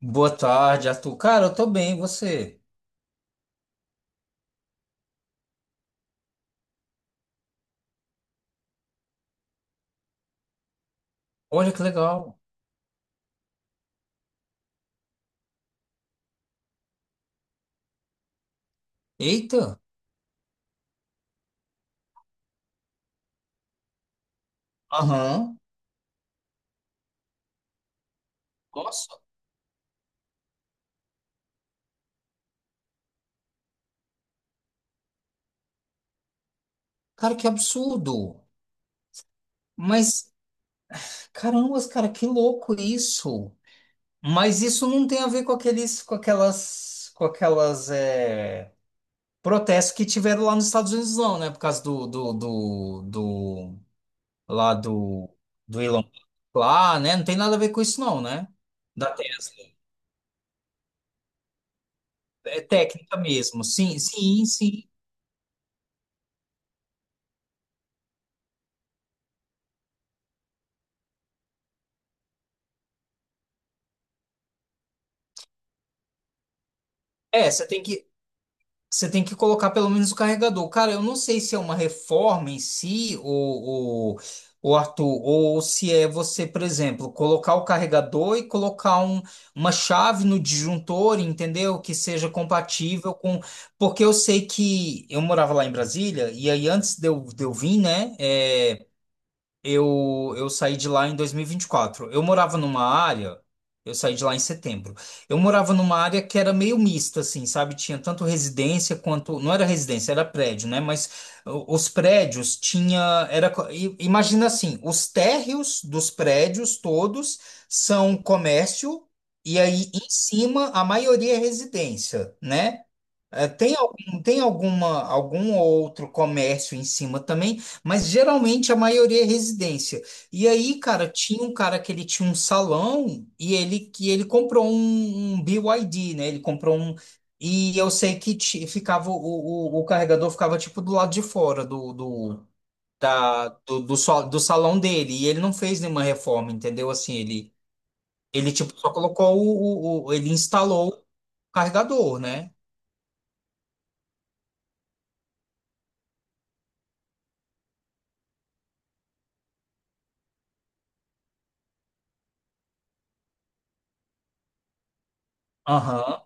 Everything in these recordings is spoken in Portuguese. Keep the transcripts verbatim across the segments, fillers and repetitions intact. Boa tarde, Arthur. Cara, eu tô bem, e você? Olha que legal. Eita! Aham. Nossa, cara, que absurdo. Mas, caramba, cara, que louco isso. Mas isso não tem a ver com aqueles, com aquelas, com aquelas, é, protestos que tiveram lá nos Estados Unidos, não, né? Por causa do, do, do, do- lá do, do Elon Musk lá, né? Não tem nada a ver com isso, não, né? Da Tesla. É técnica mesmo. Sim, sim, sim. É, você tem que. Você tem que colocar pelo menos o carregador. Cara, eu não sei se é uma reforma em si, ou, ou, Arthur, ou se é você, por exemplo, colocar o carregador e colocar um- uma chave no disjuntor, entendeu? Que seja compatível com. Porque eu sei que eu morava lá em Brasília, e aí antes de eu, de eu vir, né? é, eu, eu saí de lá em dois mil e e vinte e quatro. Eu morava numa área, eu saí de lá em setembro. Eu morava numa área que era meio mista, assim, sabe? Tinha tanto residência quanto. Não era residência, era prédio, né? Mas o- os prédios tinha. Era, co- i- imagina assim: os térreos dos prédios todos são comércio, e aí em cima a maioria é residência, né? É, Tem algum, tem alguma, algum outro comércio em cima também, mas geralmente a maioria é residência. E aí, cara, tinha um cara que ele tinha um salão e ele que ele comprou um, um B Y D, né? Ele comprou um. E eu sei que ti- ficava o, o, o carregador ficava tipo do lado de fora do, do, da, do, do, sal- do salão dele. E ele não fez nenhuma reforma, entendeu? Assim, ele, ele tipo só colocou o, o, o- ele instalou o carregador, né? Aham.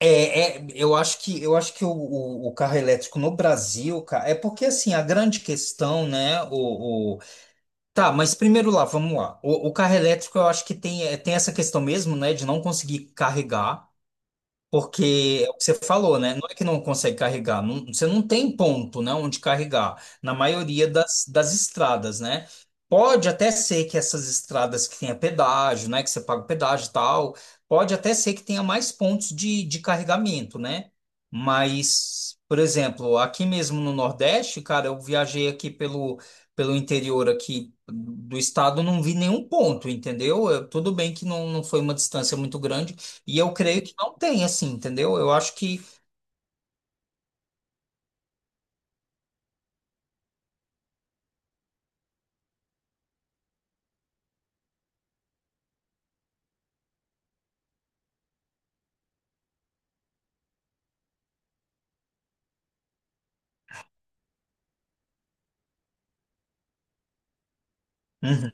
É, é, eu acho que eu acho que o, o, o carro elétrico no Brasil, cara, é porque assim a grande questão, né? O, o- tá, mas primeiro lá, vamos lá. O, o carro elétrico, eu acho que tem, é, tem essa questão mesmo, né, de não conseguir carregar. Porque é o que você falou, né? Não é que não consegue carregar, não- você não tem ponto, né, onde carregar, na maioria das, das estradas, né? Pode até ser que essas estradas que tenha pedágio, né, que você paga o pedágio e tal, pode até ser que tenha mais pontos de, de carregamento, né? Mas, por exemplo, aqui mesmo no Nordeste, cara, eu viajei aqui pelo, pelo interior aqui do estado, não vi nenhum ponto, entendeu? Eu- tudo bem que não, não foi uma distância muito grande, e eu creio que não tem, assim, entendeu? Eu acho que. Uhum.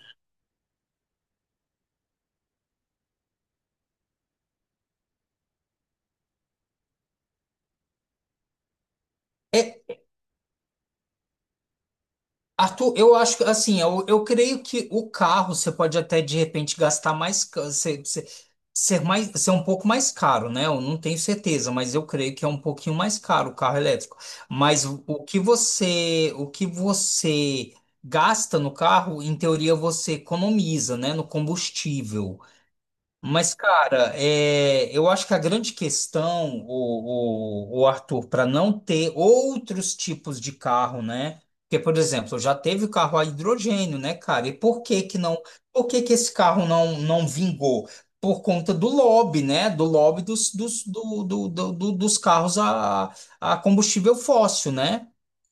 É, Arthur, eu acho que, assim, eu, eu creio que o carro você pode até, de repente, gastar mais. ca- Ser, ser, ser mais, ser um pouco mais caro, né? Eu não tenho certeza, mas eu creio que é um pouquinho mais caro o carro elétrico. Mas o, o que você. O que você gasta no carro, em teoria, você economiza, né? No combustível. Mas, cara, é, eu acho que a grande questão, o, o, o Arthur, para não ter outros tipos de carro, né? Porque, por exemplo, já teve carro a hidrogênio, né, cara? E por que que não, por que que esse carro não, não vingou? Por conta do lobby, né? Do lobby dos, dos, do, do, do- do- dos carros a, a combustível fóssil, né?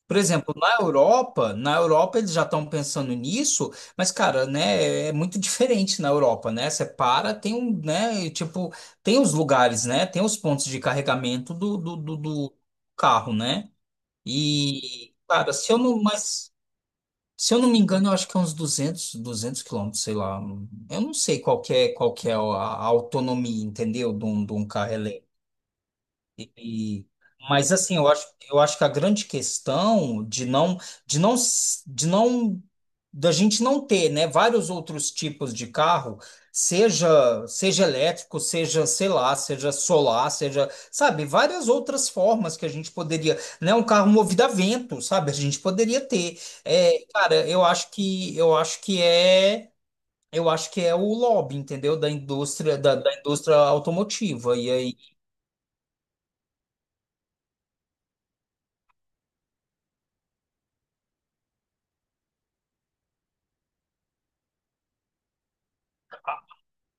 Por exemplo, na Europa, na Europa, eles já estão pensando nisso, mas, cara, né, é muito diferente na Europa, né? Você para, tem um, né, e, tipo, tem os lugares, né? Tem os pontos de carregamento do, do, do, do carro, né? E, cara, se eu não, mas, se eu não me engano, eu acho que é uns duzentos duzentos quilômetros, sei lá. Eu não sei qual que é, qual que é a a autonomia, entendeu? De um, de um carro. e, mas assim, eu acho, eu acho que a grande questão de não, de não, s- de não, da gente não ter, né, vários outros tipos de carro, seja, seja elétrico, seja, sei lá, seja solar, seja, sabe, várias outras formas que a gente poderia, né, um carro movido a vento, sabe, a gente poderia ter. É, cara, eu acho que, eu acho que é, eu acho que é o lobby, entendeu, da indústria, da, da indústria automotiva. E aí,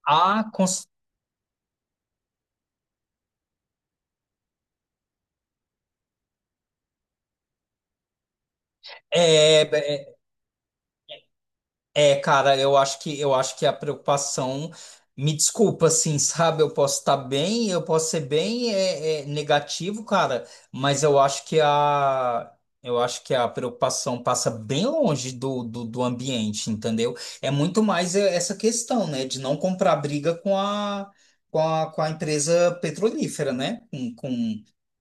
ah, com É, é, é, cara, eu acho que eu acho que a preocupação, me desculpa, assim, sabe? Eu posso estar bem, eu posso ser bem é, é, negativo, cara, mas eu acho que a eu acho que a preocupação passa bem longe do, do, do ambiente, entendeu? É muito mais é, essa questão, né, de não comprar briga com a com a, com a empresa petrolífera, né? Com, com,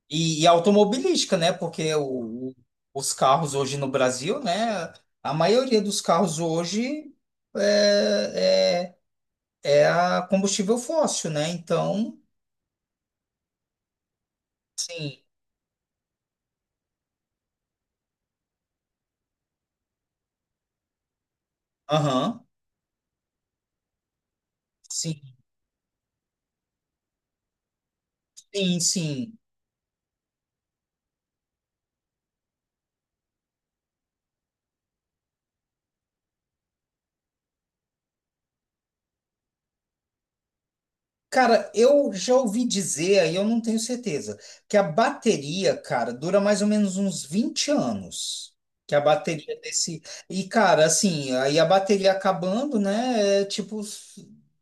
e, e automobilística, né? Porque o, o- os carros hoje no Brasil, né? A maioria dos carros hoje é, é, é a combustível fóssil, né? Então, sim, aham, sim, sim, sim. Cara, eu já ouvi dizer, aí eu não tenho certeza, que a bateria, cara, dura mais ou menos uns vinte anos. Que a bateria desse. E, cara, assim, aí a bateria acabando, né? É, tipo,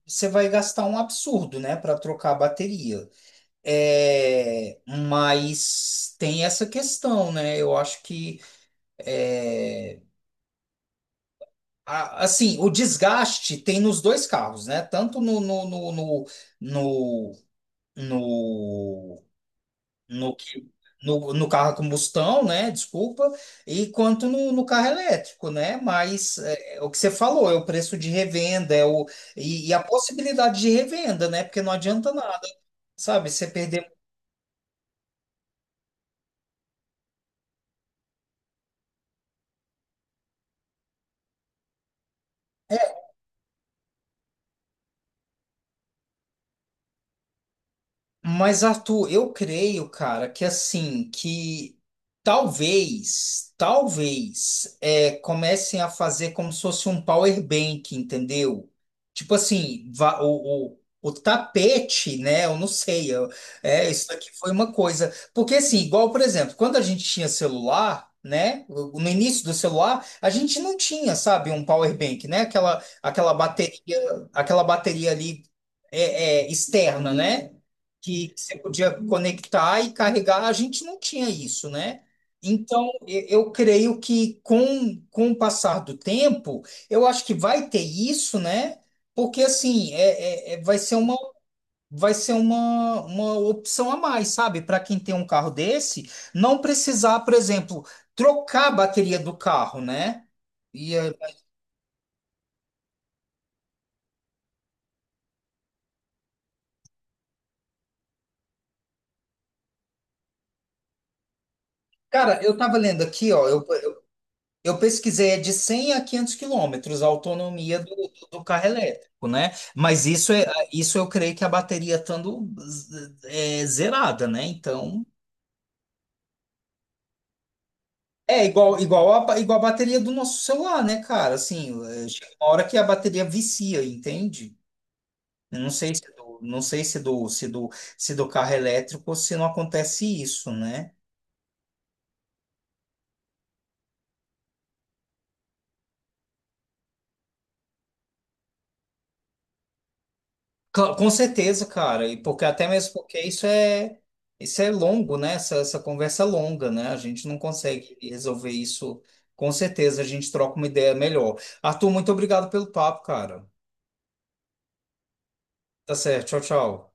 você vai gastar um absurdo, né, para trocar a bateria. É, mas tem essa questão, né? Eu acho que é, a- Assim, o desgaste tem nos dois carros, né? Tanto no, no, no, no, no, no, no, que- no- no carro a combustão, né? Desculpa, e quanto no, no carro elétrico, né? Mas é, é o que você falou, é o preço de revenda, é o, e, e a possibilidade de revenda, né? Porque não adianta nada, sabe? Você perder. Mas, Arthur, eu creio, cara, que assim, que talvez, talvez, é, comecem a fazer como se fosse um power bank, entendeu? Tipo assim, va- o, o, o tapete, né? Eu não sei, eu- é, isso aqui foi uma coisa. Porque assim, igual, por exemplo, quando a gente tinha celular, né? No início do celular, a gente não tinha, sabe, um power bank, né? Aquela, aquela bateria, aquela bateria ali é, é, externa, né? Que você podia conectar e carregar, a gente não tinha isso, né? Então, e- eu creio que com, com o passar do tempo, eu acho que vai ter isso, né? Porque assim, é, é- é- vai ser uma, vai ser uma, uma opção a mais, sabe? Para quem tem um carro desse, não precisar, por exemplo, trocar a bateria do carro, né? E, eh, cara, eu tava lendo aqui, ó, eu, Eu pesquisei, é de cem a quinhentos quilômetros a autonomia do, do carro elétrico, né? Mas isso, é, isso eu creio que a bateria estando z- é, zerada, né? Então, é igual, igual, a, ba- igual a bateria do nosso celular, né, cara? Assim, é, chega uma hora que a bateria vicia, entende? Eu Não sei se é do, não sei se é do, se do, se do carro elétrico, se não acontece isso, né? Cla- Com certeza, cara, e porque até mesmo porque isso é isso é longo, né? Essa, essa conversa é longa, né? A gente não consegue resolver isso. Com certeza, a gente troca uma ideia melhor. Arthur, muito obrigado pelo papo, cara. Tá certo, tchau, tchau.